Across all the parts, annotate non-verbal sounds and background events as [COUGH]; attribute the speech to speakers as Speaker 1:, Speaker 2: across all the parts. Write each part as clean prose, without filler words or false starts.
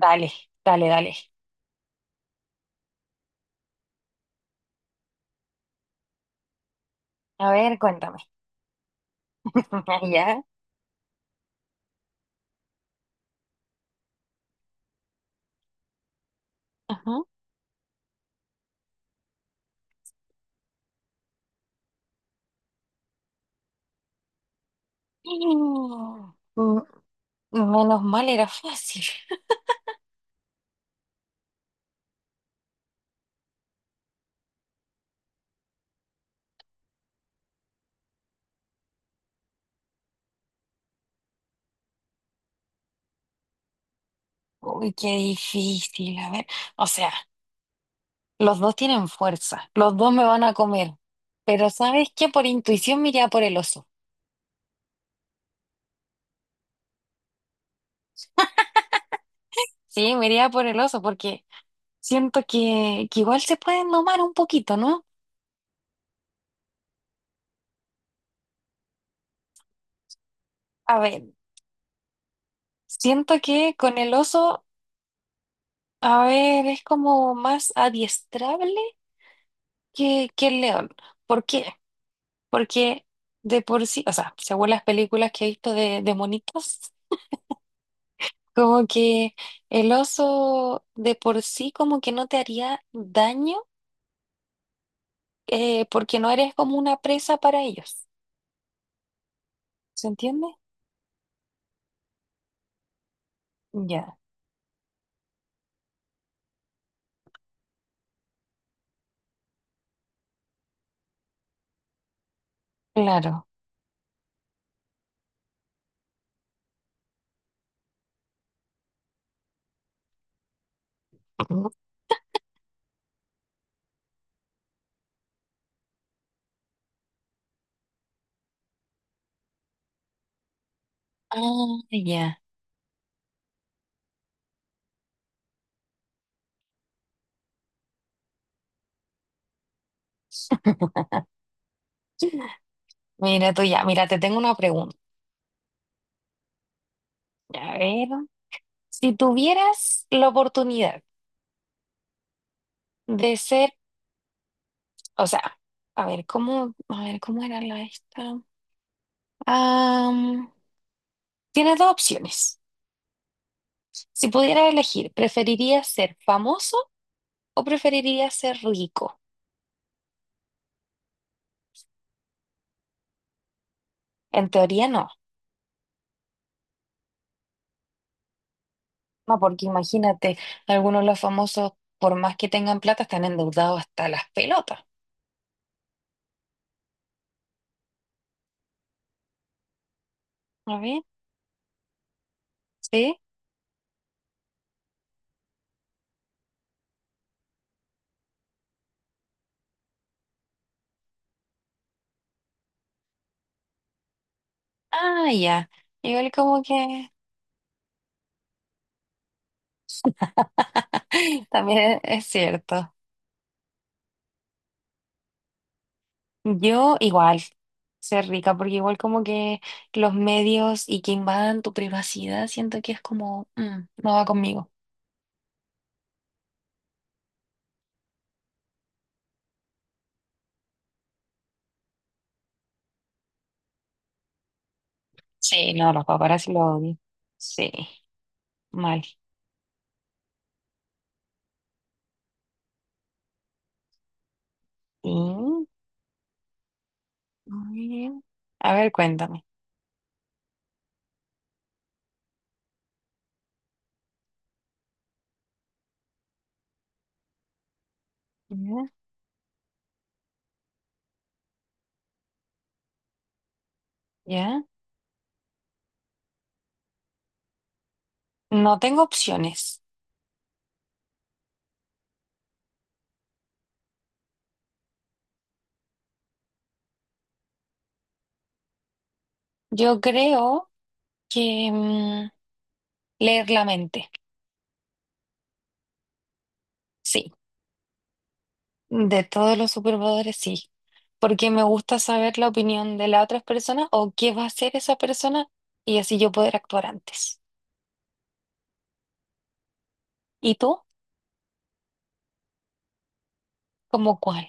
Speaker 1: Dale, dale, dale. A ver, cuéntame. [LAUGHS] Ya. Ajá. Mm, menos mal era fácil. Uy, qué difícil. A ver, o sea, los dos tienen fuerza, los dos me van a comer, pero ¿sabes qué? Por intuición me iría por el oso. Sí, me iría por el oso porque siento que igual se pueden domar un poquito, ¿no? A ver, siento que con el oso, a ver, es como más adiestrable que el león. ¿Por qué? Porque de por sí, o sea, según las películas que he visto de monitos, como que el oso de por sí como que no te haría daño porque no eres como una presa para ellos. ¿Se entiende? Ya, claro. Ujú. Ah, ya. Mira tú ya, mira, te tengo una pregunta. A ver, si tuvieras la oportunidad de ser, o sea, a ver, cómo era la esta? Ah, tienes dos opciones. Si pudieras elegir, ¿preferirías ser famoso o preferirías ser rico? En teoría no, no, porque imagínate, algunos de los famosos, por más que tengan plata, están endeudados hasta las pelotas. ¿A ver? ¿Sí? Ah, ya. Igual como que [LAUGHS] también es cierto. Yo igual ser rica, porque igual como que los medios y que invadan tu privacidad, siento que es como, mm, no va conmigo. Sí, no, los paparazzi lo odian. Sí, mal. Sí, muy bien. A ver, cuéntame. Ya, ya. No tengo opciones. Yo creo que leer la mente. Sí, de todos los superpoderes, sí. Porque me gusta saber la opinión de las otras personas o qué va a hacer esa persona y así yo poder actuar antes. ¿Y tú? ¿Cómo cuál?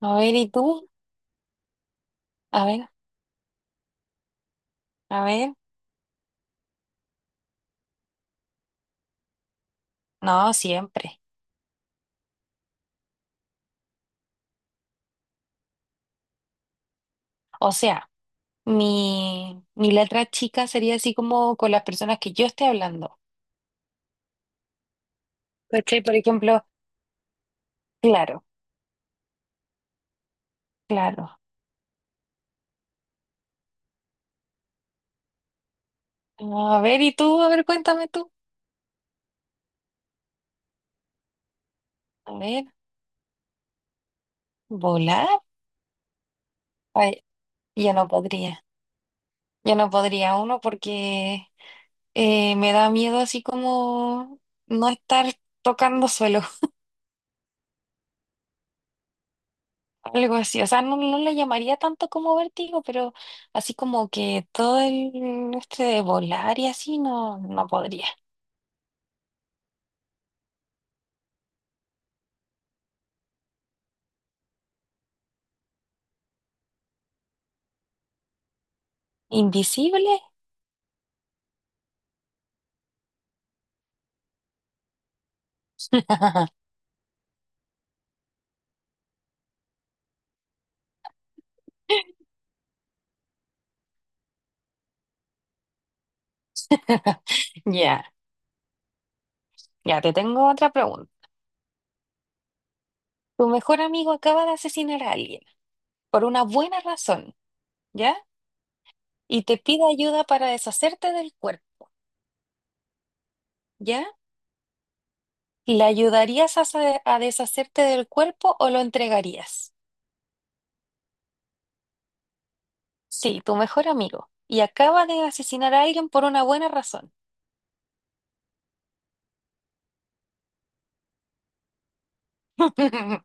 Speaker 1: A ver, ¿y tú? A ver, a ver. No, siempre. O sea, mi letra chica sería así como con las personas que yo esté hablando. ¿Cachai? Por ejemplo, claro, claro. No, a ver, ¿y tú? A ver, cuéntame tú. A ver, ¿volar? Ay, yo no podría. Yo no podría uno porque me da miedo así como no estar tocando suelo, [LAUGHS] algo así. O sea, no, no le llamaría tanto como vértigo, pero así como que todo el este de volar y así no, no podría. ¿Invisible? [LAUGHS] Ya, ya, te tengo otra pregunta. Tu mejor amigo acaba de asesinar a alguien, por una buena razón, ¿ya? Y te pide ayuda para deshacerte del cuerpo, ¿ya? ¿Le ayudarías a, sa- a deshacerte del cuerpo o lo entregarías? Sí, tu mejor amigo. Y acaba de asesinar a alguien por una buena razón. [LAUGHS]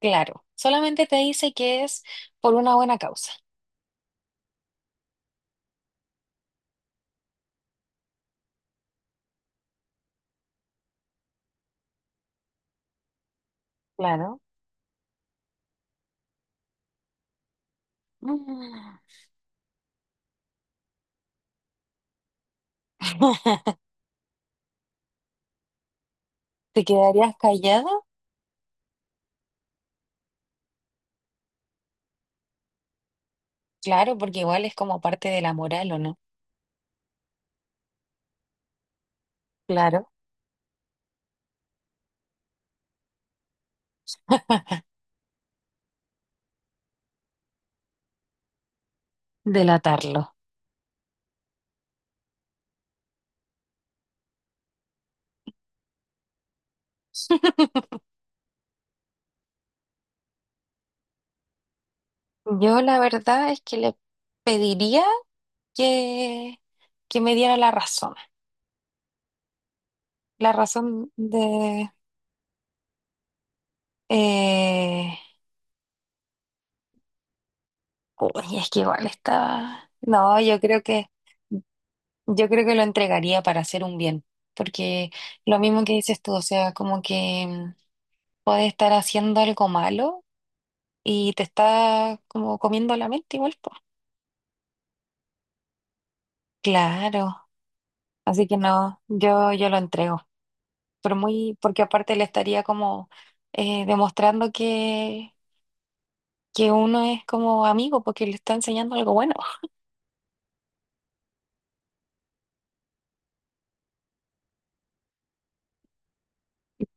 Speaker 1: Claro, solamente te dice que es por una buena causa. Claro. Mm. [LAUGHS] ¿Te quedarías callado? Claro, porque igual es como parte de la moral, ¿o no? Claro. [LAUGHS] Delatarlo. Yo la verdad es que le pediría que, que me diera la razón. La razón de... eh, uy, es que igual está... No, yo creo que lo entregaría para hacer un bien. Porque lo mismo que dices tú, o sea, como que mm, puedes estar haciendo algo malo y te está como comiendo la mente igual, pues. Claro. Así que no, yo lo entrego, pero muy, porque aparte le estaría como demostrando que uno es como amigo, porque le está enseñando algo bueno.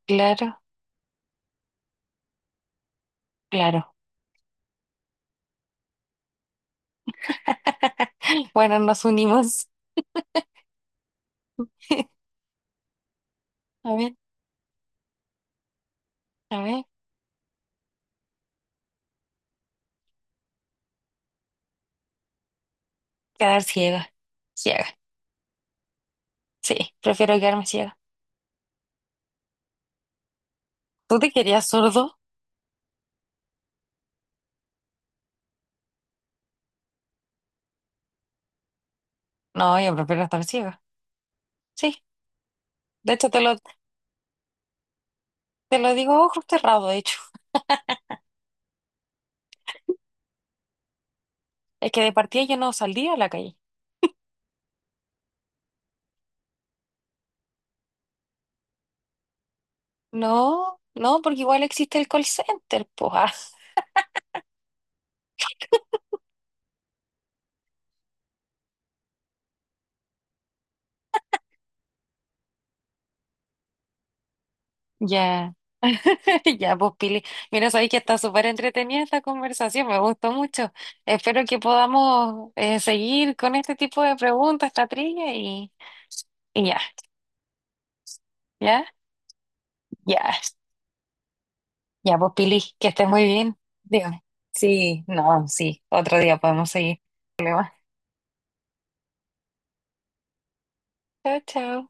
Speaker 1: Claro, claro. Bueno, nos unimos. [LAUGHS] A ver, a ver. Quedar ciega. Ciega. Sí, prefiero quedarme ciega. ¿Tú te querías sordo? No, yo prefiero estar ciega. Sí. De hecho, te lo digo a ojos cerrados, de hecho. Es que de partida yo no saldría a la calle. No, no, porque igual existe el call center, pues. Ah, ya. [LAUGHS] Ya, pues Pili, mira, sabéis que está súper entretenida esta conversación, me gustó mucho. Espero que podamos seguir con este tipo de preguntas, esta trilla y ya, ya, ya, ya, pues Pili, que estés muy bien. Dígame. Sí, no, sí, otro día podemos seguir. Problema. Chao, chao.